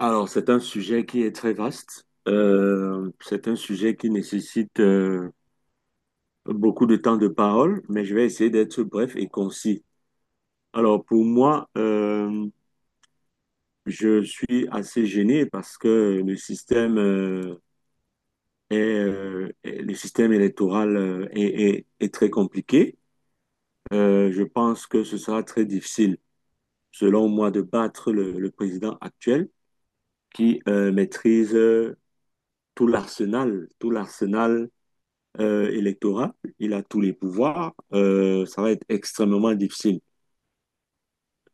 Alors, c'est un sujet qui est très vaste. C'est un sujet qui nécessite beaucoup de temps de parole, mais je vais essayer d'être bref et concis. Alors, pour moi, je suis assez gêné parce que le système électoral est très compliqué. Je pense que ce sera très difficile, selon moi, de battre le président actuel qui maîtrise tout l'arsenal électorat, il a tous les pouvoirs, ça va être extrêmement difficile.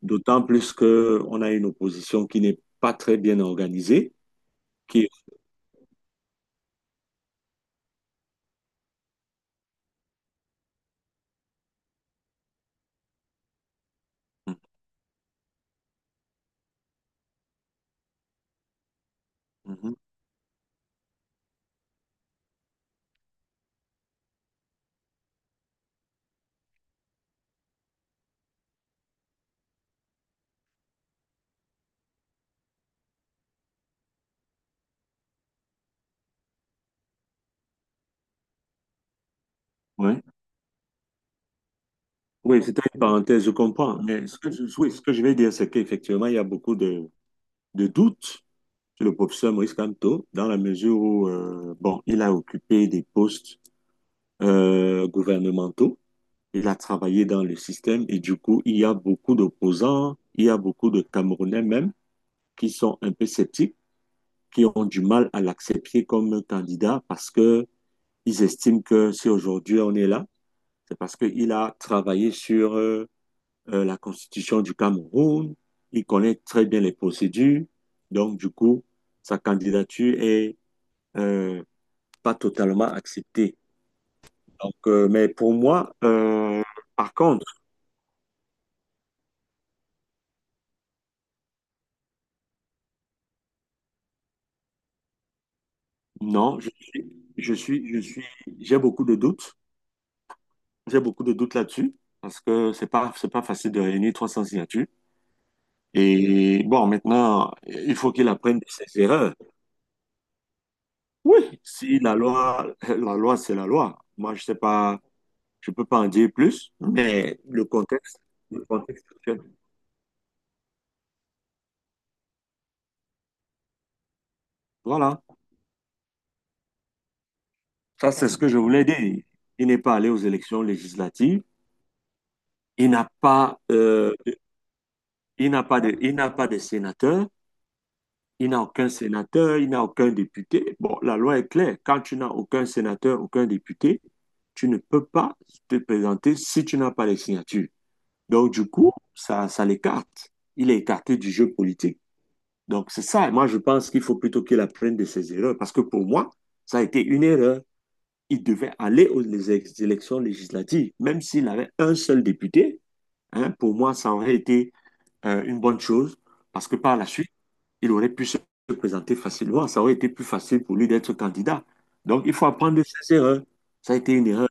D'autant plus que on a une opposition qui n'est pas très bien organisée, qui... Mhm. Ouais. Oui, c'était une parenthèse, je comprends. Mais oui, ce que je vais dire, c'est qu'effectivement, il y a beaucoup de doutes sur le professeur Maurice Kamto, dans la mesure où, bon, il a occupé des postes gouvernementaux, il a travaillé dans le système, et du coup, il y a beaucoup d'opposants, il y a beaucoup de Camerounais même qui sont un peu sceptiques, qui ont du mal à l'accepter comme candidat parce que ils estiment que si aujourd'hui on est là, c'est parce qu'il a travaillé sur la constitution du Cameroun, il connaît très bien les procédures, donc du coup, sa candidature est euh, pas totalement acceptée. Donc, mais pour moi, par contre, non, je suis, je suis, j'ai beaucoup de doutes, j'ai beaucoup de doutes là-dessus parce que c'est pas facile de réunir 300 signatures. Et bon, maintenant, il faut qu'il apprenne de ses erreurs. Oui, si la loi, c'est la loi. Moi, je sais pas, je peux pas en dire plus, mais le contexte actuel. Voilà. Ça, c'est ce que je voulais dire. Il n'est pas allé aux élections législatives. Il n'a pas, euh, il n'a pas de sénateur. Il n'a aucun sénateur. Il n'a aucun député. Bon, la loi est claire. Quand tu n'as aucun sénateur, aucun député, tu ne peux pas te présenter si tu n'as pas les signatures. Donc, du coup, ça l'écarte. Il est écarté du jeu politique. Donc, c'est ça. Et moi, je pense qu'il faut plutôt qu'il apprenne de ses erreurs. Parce que pour moi, ça a été une erreur. Il devait aller aux élections législatives. Même s'il avait un seul député, hein, pour moi, ça aurait été une bonne chose. Parce que par la suite, il aurait pu se présenter facilement. Ça aurait été plus facile pour lui d'être candidat. Donc, il faut apprendre de ses erreurs. Ça a été une erreur.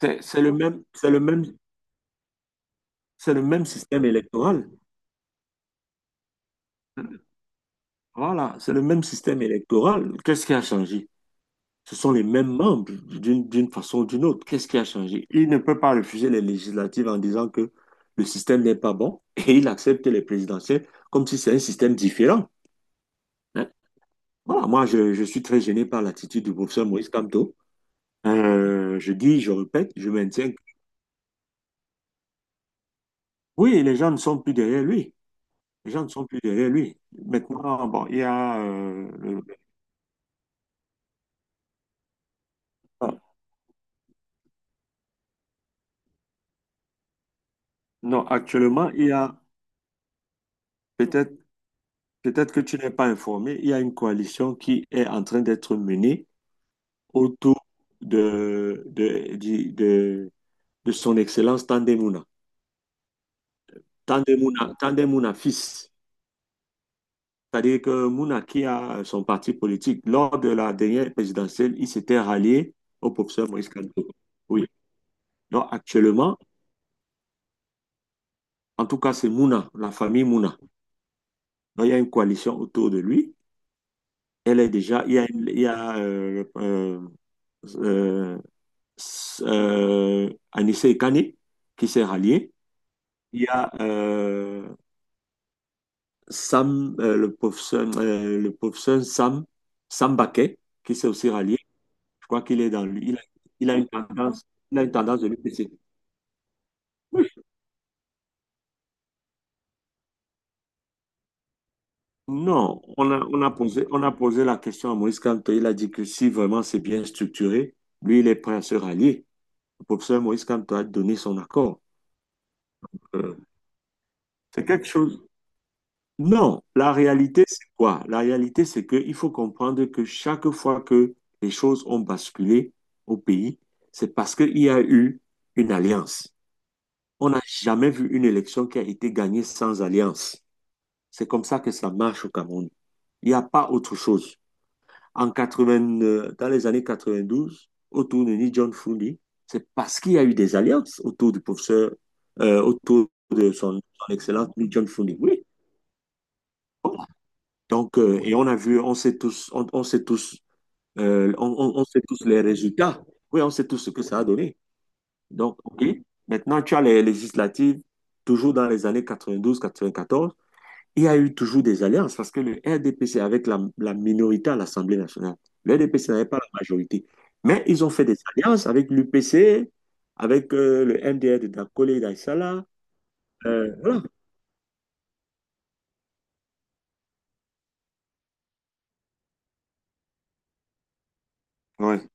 C'est c'est le même, c'est le même, c'est le même système électoral. Voilà, c'est le même système électoral. Qu'est-ce qui a changé? Ce sont les mêmes membres d'une façon ou d'une autre. Qu'est-ce qui a changé? Il ne peut pas refuser les législatives en disant que le système n'est pas bon et il accepte les présidentielles comme si c'est un système différent. Hein. Voilà, moi, je suis très gêné par l'attitude du professeur Maurice Kamto. Je dis, je répète, je maintiens. Oui, les gens ne sont plus derrière lui. Les gens ne sont plus derrière lui. Maintenant, bon, il y a... le- Non, actuellement, il y a peut-être Peut-être. Que tu n'es pas informé, il y a une coalition qui est en train d'être menée autour de, de, du- de, de son Excellence Tandemuna. Tandemuna, Tandemuna fils. C'est-à-dire que Mouna, qui a son parti politique, lors de la dernière présidentielle, il s'était rallié au professeur Maurice Kamto. Oui. Donc actuellement, en tout cas, c'est Mouna, la famille Mouna. Donc il y a une coalition autour de lui. Elle est déjà, il y a, une- il y a euh, Anissé Kane qui s'est rallié. Il y a Sam, le pauvre son Sam, Sam Baquet qui s'est aussi rallié. Je crois qu'il est dans lui. Il a une tendance, il a une tendance de l'UPC. Non, on a posé la question à Maurice Kamto. Il a dit que si vraiment c'est bien structuré, lui, il est prêt à se rallier. Le professeur Maurice Kamto a donné son accord. Euh, c'est quelque chose. Non, la réalité, c'est quoi? La réalité, c'est qu'il faut comprendre que chaque fois que les choses ont basculé au pays, c'est parce qu'il y a eu une alliance. On n'a jamais vu une élection qui a été gagnée sans alliance. C'est comme ça que ça marche au Cameroun. Il n'y a pas autre chose. En 80, dans les années 92, autour de Ni John Fundi, c'est parce qu'il y a eu des alliances autour de son excellence Ni John Fundi. Oui, bon. Donc, et on a vu, on sait tous les résultats. Oui, on sait tous ce que ça a donné. Donc, OK. Maintenant, tu as les législatives, toujours dans les années 1992, 1994. Il y a eu toujours des alliances parce que le RDPC avec la minorité à l'Assemblée nationale. Le RDPC n'avait pas la majorité. Mais ils ont fait des alliances avec l'UPC, avec le MDR de Dakolé et d'Aïssala. Voilà. Ouais.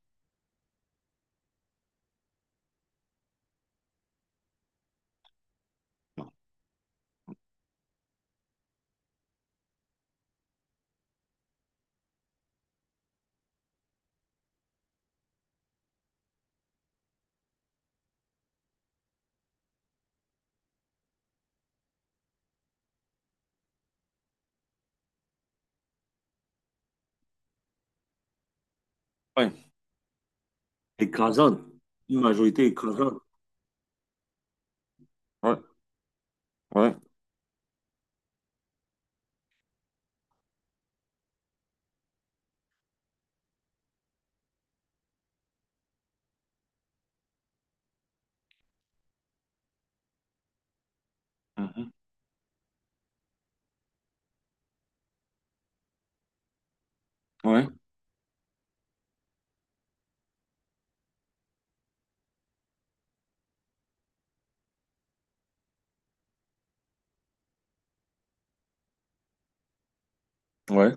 Ouais. Écrasante. Une majorité écrasante. Ouais, ouais. Mhm. Ouais, ouais.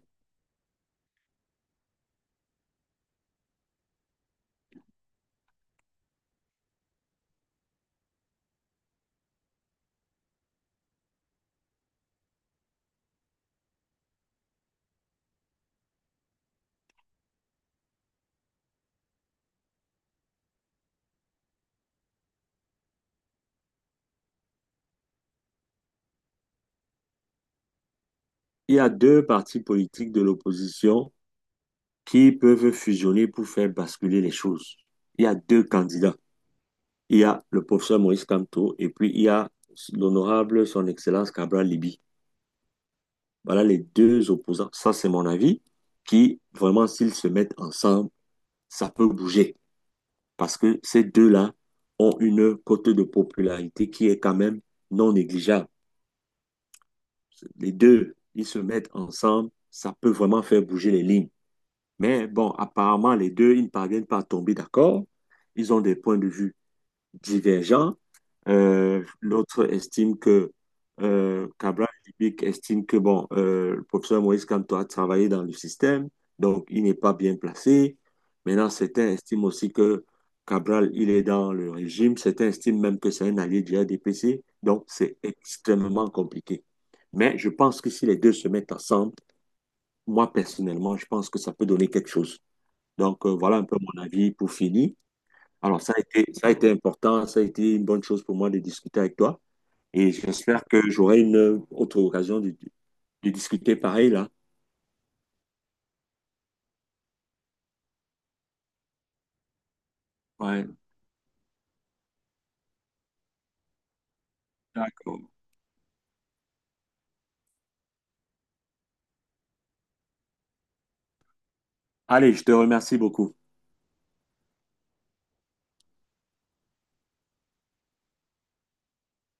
Il y a deux partis politiques de l'opposition qui peuvent fusionner pour faire basculer les choses. Il y a deux candidats. Il y a le professeur Maurice Kamto et puis il y a l'honorable Son Excellence Cabral Libi. Voilà les deux opposants. Ça, c'est mon avis, qui vraiment, s'ils se mettent ensemble, ça peut bouger. Parce que ces deux-là ont une cote de popularité qui est quand même non négligeable. Les deux, ils se mettent ensemble, ça peut vraiment faire bouger les lignes. Mais bon, apparemment, les deux, ils ne parviennent pas à tomber d'accord. Ils ont des points de vue divergents. L'autre estime que, Cabral Libic estime que, bon, le professeur Moïse Kamto a travaillé dans le système, donc il n'est pas bien placé. Maintenant, certains estiment aussi que Cabral, il est dans le régime. Certains estiment même que c'est un allié du RDPC. Donc, c'est extrêmement compliqué. Mais je pense que si les deux se mettent ensemble, moi, personnellement, je pense que ça peut donner quelque chose. Donc, voilà un peu mon avis pour finir. Alors, ça a été important, ça a été une bonne chose pour moi de discuter avec toi. Et j'espère que j'aurai une autre occasion de discuter pareil là. Ouais, d'accord. Allez, je te remercie beaucoup.